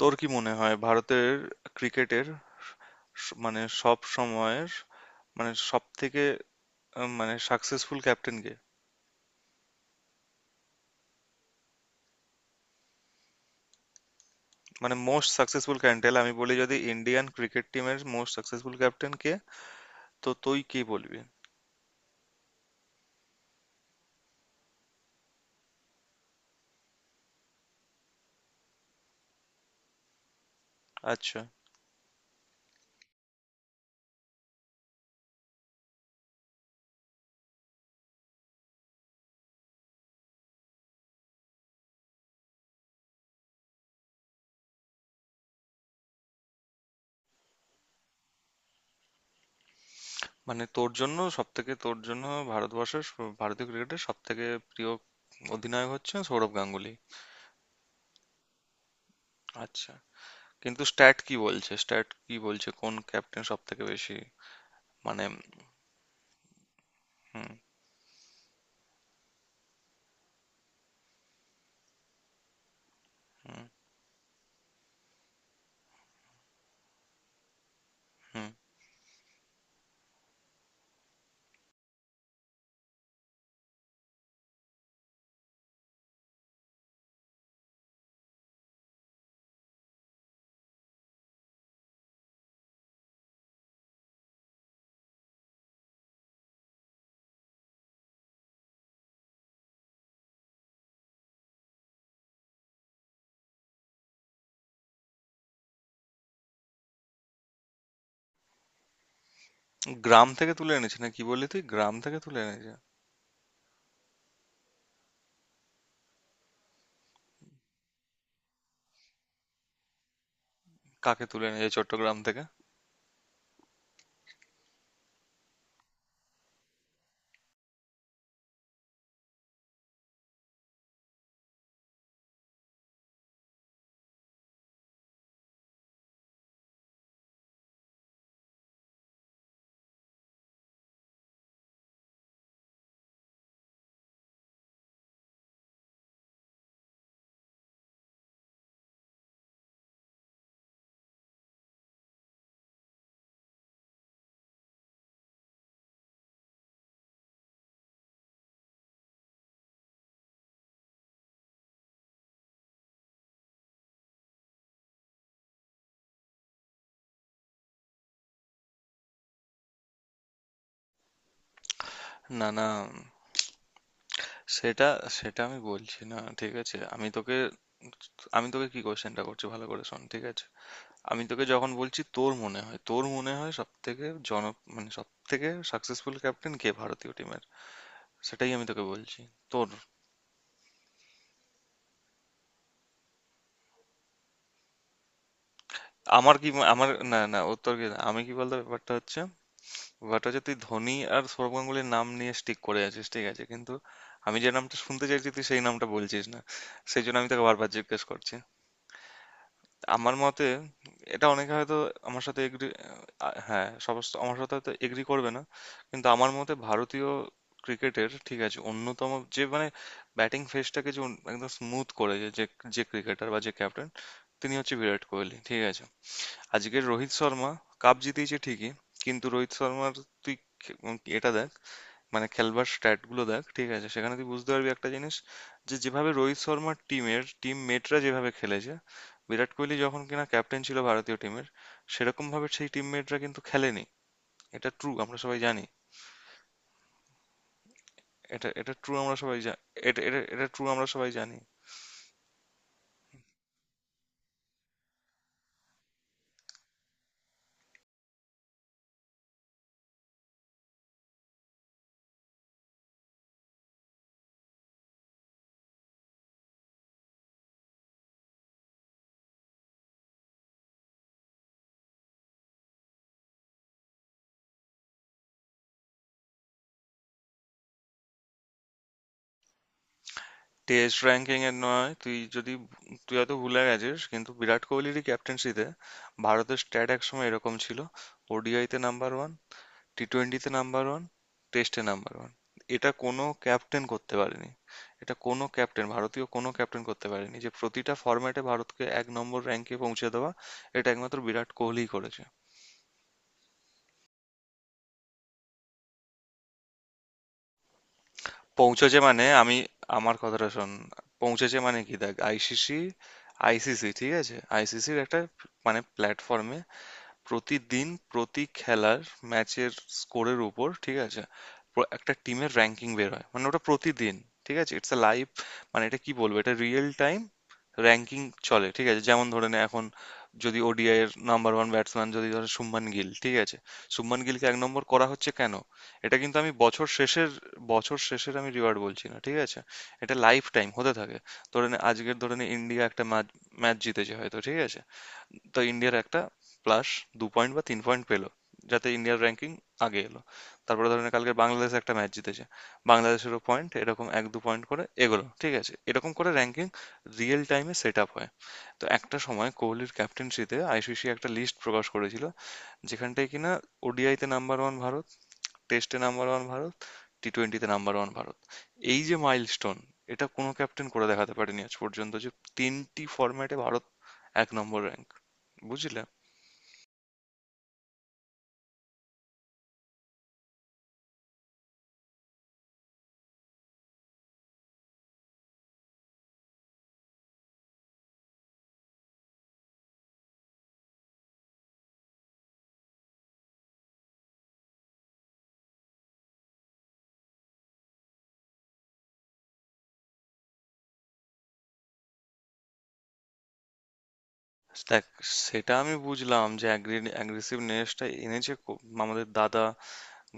তোর কি মনে হয় ভারতের ক্রিকেটের স- মানে সব সময়ের মানে সব থেকে আহ, মানে সাকসেসফুল ক্যাপ্টেন কে? মানে মোস্ট সাকসেসফুল ক্যাপ্টেন, আমি বলি যদি ইন্ডিয়ান ক্রিকেট টিমের মোস্ট সাকসেসফুল ক্যাপ্টেন কে, তো তুই কি বলবি? আচ্ছা। মানে তোর জন্য সব থেকে, তোর জন্য ভারতবর্ষের ভারতীয় ক্রিকেটের সব থেকে প্রিয় অধিনায়ক হচ্ছেন সৌরভ গাঙ্গুলি। আচ্ছা, কিন্তু স্ট্যাট কি বলছে? স্ট্যাট কি বলছে কোন ক্যাপ্টেন সব থেকে বেশি, মানে? হুম। হুম। হুম। গ্রাম থেকে তুলে এনেছে? না কি বললি তুই, গ্রাম থেকে তুলে এনেছে? কাকে তুলে এনেছে, চট্টগ্রাম থেকে? না, না, সেটা, সেটা আমি বলছি না। ঠিক আছে, আমি তোকে, আমি তোকে কি কোশ্চেনটা করছি, ভালো করে শোন। ঠিক আছে, আমি তোকে যখন বলছি, তোর মনে হয়, তোর মনে হয় সব থেকে জন, মানে সব থেকে সাকসেসফুল ক্যাপ্টেন কে ভারতীয় টিমের, সেটাই আমি তোকে বলছি। তোর, আমার কি আমার না না উত্তর কি আমি কি বলতে, ব্যাপারটা হচ্ছে, বাট হচ্ছে তুই ধোনি আর সৌরভ গাঙ্গুলির নাম নিয়ে স্টিক করে আছিস, ঠিক আছে? কিন্তু আমি যে নামটা শুনতে চাইছি তুই সেই নামটা বলছিস না, সেই জন্য আমি তোকে বারবার জিজ্ঞেস করছি। আমার মতে, এটা অনেকে হয়তো আমার সাথে এগ্রি, হ্যাঁ, সমস্ত আমার সাথে হয়তো এগ্রি করবে না, কিন্তু আমার মতে ভারতীয় ক্রিকেটের, ঠিক আছে, অন্যতম, যে মানে ব্যাটিং ফেসটাকে যে একদম স্মুথ করেছে, যে, যে, যে ক্রিকেটার বা যে ক্যাপ্টেন, তিনি হচ্ছে বিরাট কোহলি। ঠিক আছে? আজকের রোহিত শর্মা কাপ জিতেছে ঠিকই, কিন্তু রোহিত শর্মার তুই এটা দেখ, মানে খেলবার স্ট্যাট গুলো দেখ, ঠিক আছে? সেখানে তুই বুঝতে পারবি একটা জিনিস, যে যেভাবে রোহিত শর্মার টিমের টিম মেটরা যেভাবে খেলেছে, বিরাট কোহলি যখন কিনা ক্যাপ্টেন ছিল ভারতীয় টিমের, সেরকম ভাবে সেই টিম মেটরা কিন্তু খেলেনি। এটা ট্রু, আমরা সবাই জানি। এটা এটা ট্রু, আমরা সবাই এটা এটা এটা ট্রু, আমরা সবাই জানি। টেস্ট র্যাঙ্কিং এর নয়, তুই যদি, তুই হয়তো ভুলে গেছিস, কিন্তু বিরাট কোহলিরই ক্যাপ্টেন্সিতে ভারতের স্ট্যাট একসময় এরকম ছিল: ওডিআইতে নাম্বার ওয়ান, টি-টোয়েন্টিতে নাম্বার ওয়ান, টেস্টে নাম্বার ওয়ান। এটা কোনো ক্যাপ্টেন করতে পারেনি। এটা কোনো ক্যাপ্টেন, ভারতীয় কোনো ক্যাপ্টেন করতে পারেনি, যে প্রতিটা ফরম্যাটে ভারতকে 1 নম্বর র্যাঙ্কে পৌঁছে দেওয়া, এটা একমাত্র বিরাট কোহলিই করেছে। পৌঁছেছে মানে, আমি, আমার কথাটা শোন, পৌঁছেছে মানে কি দেখ, আইসিসি, আইসিসি, ঠিক আছে, আইসিসির একটা মানে প্ল্যাটফর্মে, প্রতিদিন প্রতি খেলার ম্যাচের স্কোরের উপর, ঠিক আছে, একটা টিমের র্যাঙ্কিং বের হয়, মানে ওটা প্রতিদিন, ঠিক আছে, ইটস আ লাইভ, মানে এটা কি বলবো, এটা রিয়েল টাইম র্যাঙ্কিং চলে। ঠিক আছে, যেমন ধরে নে এখন, যদি ওডিআই এর নাম্বার ওয়ান ব্যাটসম্যান যদি ধরো শুভমান গিল, ঠিক আছে, শুভমান গিলকে 1 নম্বর করা হচ্ছে কেন? এটা কিন্তু আমি বছর শেষের, বছর শেষের আমি রিওয়ার্ড বলছি না, ঠিক আছে? এটা লাইফ টাইম হতে থাকে। ধরে নে, আজকের ধরে নে ইন্ডিয়া একটা ম্যাচ জিতেছে হয়তো, ঠিক আছে, তো ইন্ডিয়ার একটা প্লাস 2 পয়েন্ট বা 3 পয়েন্ট পেলো, যাতে ইন্ডিয়ার র্যাঙ্কিং আগে এলো। তারপরে ধরেন কালকে বাংলাদেশ একটা ম্যাচ জিতেছে, বাংলাদেশেরও পয়েন্ট এরকম 1-2 পয়েন্ট করে এগোলো, ঠিক আছে, এরকম করে র্যাঙ্কিং রিয়েল টাইমে সেট আপ হয়। তো একটা সময় কোহলির ক্যাপ্টেন্সিতে আইসিসি একটা লিস্ট প্রকাশ করেছিল, যেখানটায় কিনা ওডিআইতে নাম্বার ওয়ান ভারত, টেস্টে নাম্বার ওয়ান ভারত, টি টোয়েন্টিতে নাম্বার ওয়ান ভারত। এই যে মাইলস্টোন, এটা কোনো ক্যাপ্টেন করে দেখাতে পারেনি আজ পর্যন্ত, যে তিনটি ফরম্যাটে ভারত 1 নম্বর র্যাঙ্ক, বুঝলে? দেখ, সেটা আমি বুঝলাম, যে অ্যাগ্রেসিভনেসটা এনেছে আমাদের দাদা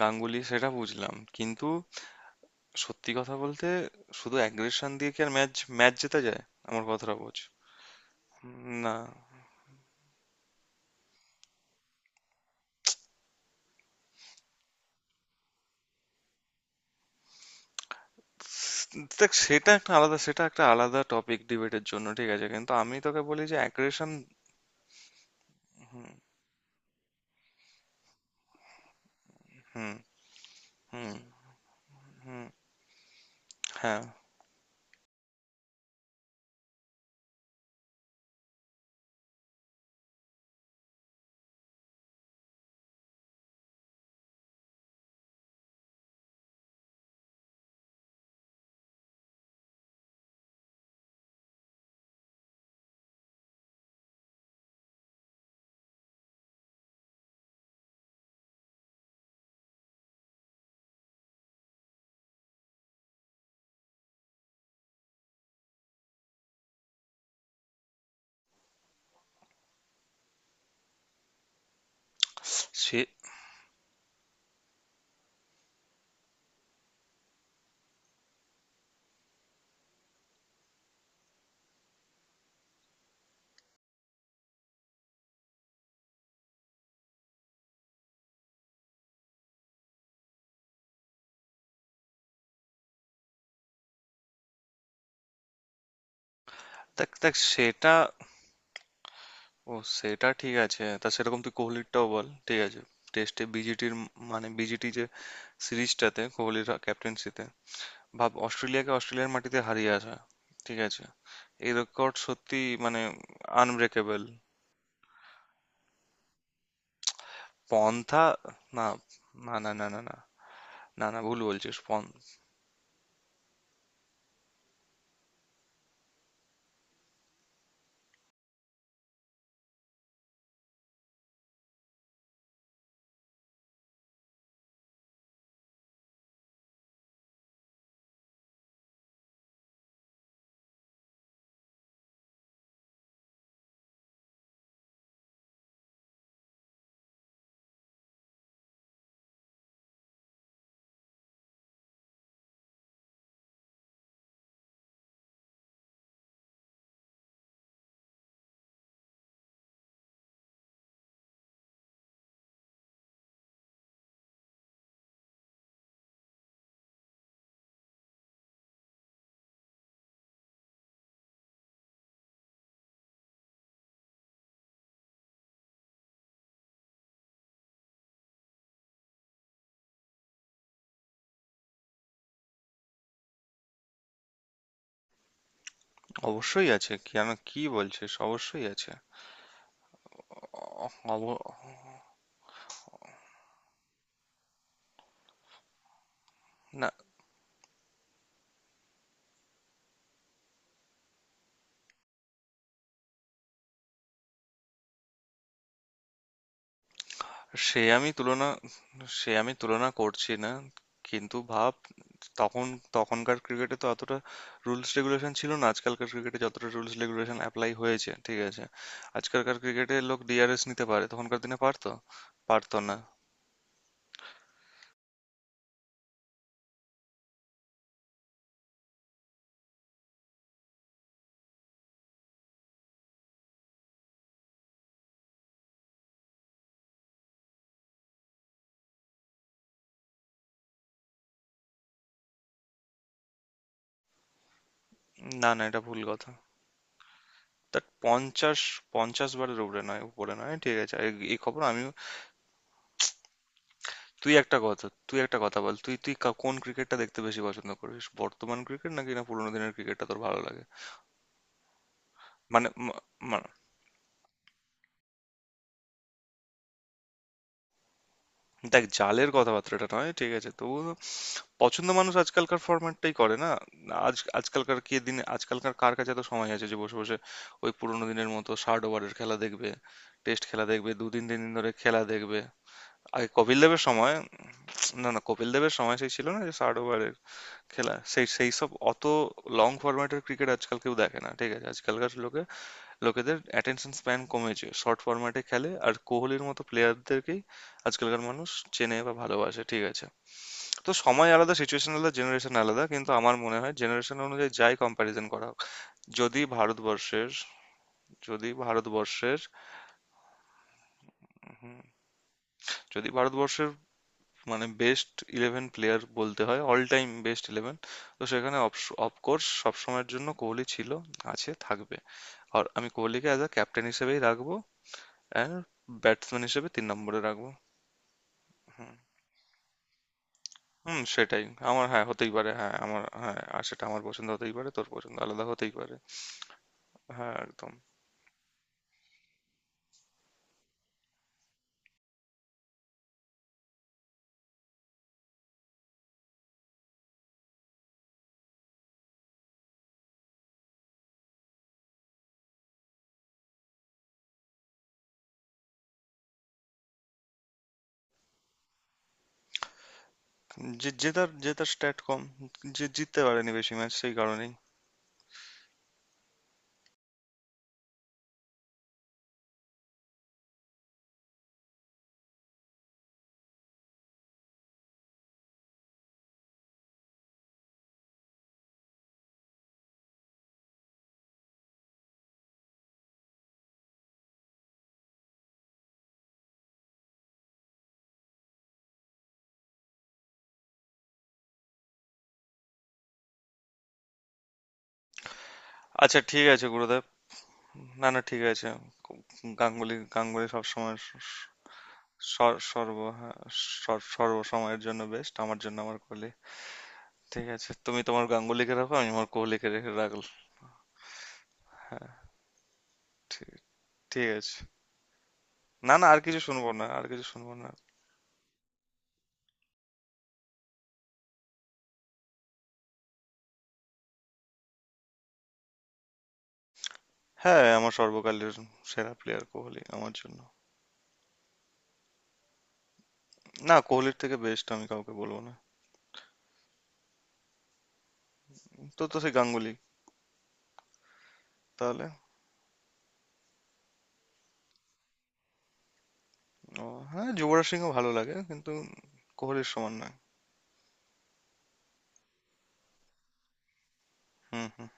গাঙ্গুলি, সেটা বুঝলাম, কিন্তু সত্যি কথা বলতে, শুধু অ্যাগ্রেশন দিয়ে কি আর ম্যাচ ম্যাচ জেতা যায়? আমার কথাটা বোঝ। না, দেখ, সেটা একটা আলাদা, সেটা একটা আলাদা টপিক ডিবেটের জন্য, ঠিক আছে, কিন্তু আমি তোকে বলি যে অ্যাগ্রেশন। হুম। হুম। হুম। হুম, হ্যাঁ। সে দেখ, দেখ, সেটা, ও সেটা ঠিক আছে, তা সেরকম তুই কোহলিরটাও বল, ঠিক আছে? টেস্টে বিজিটির, মানে বিজিটি যে সিরিজটাতে কোহলির ক্যাপ্টেন্সিতে ভাব, অস্ট্রেলিয়াকে অস্ট্রেলিয়ার মাটিতে হারিয়ে আসা, ঠিক আছে? এই রেকর্ড সত্যি মানে আনব্রেকেবল। পন্থা, না, না, না, না, না, না, না না ভুল বলছিস, অবশ্যই আছে, কেন কি বলছিস, অবশ্যই আছে। অ- অব- না। সে আমি তুলনা, সে আমি তুলনা করছি না, কিন্তু ভাব, তখন, তখনকার ক্রিকেটে তো অতটা রুলস রেগুলেশন ছিল না, আজকালকার ক্রিকেটে যতটা রুলস রেগুলেশন অ্যাপ্লাই হয়েছে, ঠিক আছে? আজকালকার ক্রিকেটে লোক ডিআরএস নিতে পারে, তখনকার দিনে পারতো, পারতো না। না, না, এটা ভুল কথা। তা পঞ্চাশ পঞ্চাশ বারের উপরে নয়, উপরে নয়, ঠিক আছে, এই, এই খবর আমিও। তুই একটা কথা, তুই একটা কথা বল তুই তুই কোন ক্রিকেটটা দেখতে বেশি পছন্দ করিস, বর্তমান ক্রিকেট নাকি না পুরোনো দিনের ক্রিকেটটা তোর ভালো লাগে? মানে, দেখ, জালের কথাবার্তাটা নয়, ঠিক আছে, তবু পছন্দ মানুষ আজকালকার ফরম্যাটটাই করে না। আজ, আজকালকার কে দিনে আজকালকার কার কাছে এত সময় আছে যে বসে বসে ওই পুরোনো দিনের মতো 60 ওভারের খেলা দেখবে, টেস্ট খেলা দেখবে, 2 দিন 3 দিন ধরে খেলা দেখবে? আগে কপিল দেবের সময়, না না, কপিল দেবের সময় সেই ছিল না যে 60 ওভারের খেলা, সেই সেই সব অত লং ফরম্যাটের ক্রিকেট আজকাল কেউ দেখে না, ঠিক আছে, আজকালকার লোকে, লোকেদের অ্যাটেনশন স্প্যান কমেছে, শর্ট ফরম্যাটে খেলে আর কোহলির মতো প্লেয়ারদেরকেই আজকালকার মানুষ চেনে বা ভালোবাসে, ঠিক আছে? তো সময় আলাদা, সিচুয়েশন আলাদা, জেনারেশন আলাদা, কিন্তু আমার মনে হয় জেনারেশন অনুযায়ী যাই কম্প্যারিজন করা হোক, যদি ভারতবর্ষের যদি ভারতবর্ষের হুম, যদি ভারতবর্ষের মানে বেস্ট ইলেভেন প্লেয়ার বলতে হয়, অল টাইম বেস্ট ইলেভেন, তো সেখানে অফকোর্স সবসময়ের জন্য কোহলি ছিল, আছে, থাকবে। আর আমি কোহলিকে অ্যাজ আ ক্যাপ্টেন হিসেবেই রাখবো, অ্যান্ড ব্যাটসম্যান হিসেবে 3 নম্বরে রাখবো। হুম। হুম, সেটাই। আমার, হ্যাঁ, হতেই পারে। হ্যাঁ, আমার, হ্যাঁ, আর সেটা আমার পছন্দ হতেই পারে, তোর পছন্দ আলাদা হতেই পারে। হ্যাঁ, একদম। যে, যে তার, যে তার স্ট্যাট কম, যে জিততে পারেনি বেশি ম্যাচ সেই কারণেই। আচ্ছা, ঠিক আছে গুরুদেব। না না, ঠিক আছে। গাঙ্গুলি গাঙ্গুলি সবসময় সর্ব, হ্যাঁ, সর্বসময়ের জন্য বেস্ট, আমার জন্য আমার কোহলি। ঠিক আছে, তুমি তোমার গাঙ্গুলিকে রাখো, আমি আমার কোহলিকে রেখে রাখলাম। হ্যাঁ, ঠিক, ঠিক আছে। না না, আর কিছু শুনবো না, আর কিছু শুনবো না। হ্যাঁ, আমার সর্বকালের সেরা প্লেয়ার কোহলি আমার জন্য। না, কোহলির থেকে বেস্ট আমি কাউকে বলবো না। তো তো সেই গাঙ্গুলি তাহলে? ও, হ্যাঁ, যুবরাজ সিংও ভালো লাগে, কিন্তু কোহলির সমান নয়। হুম। হুম।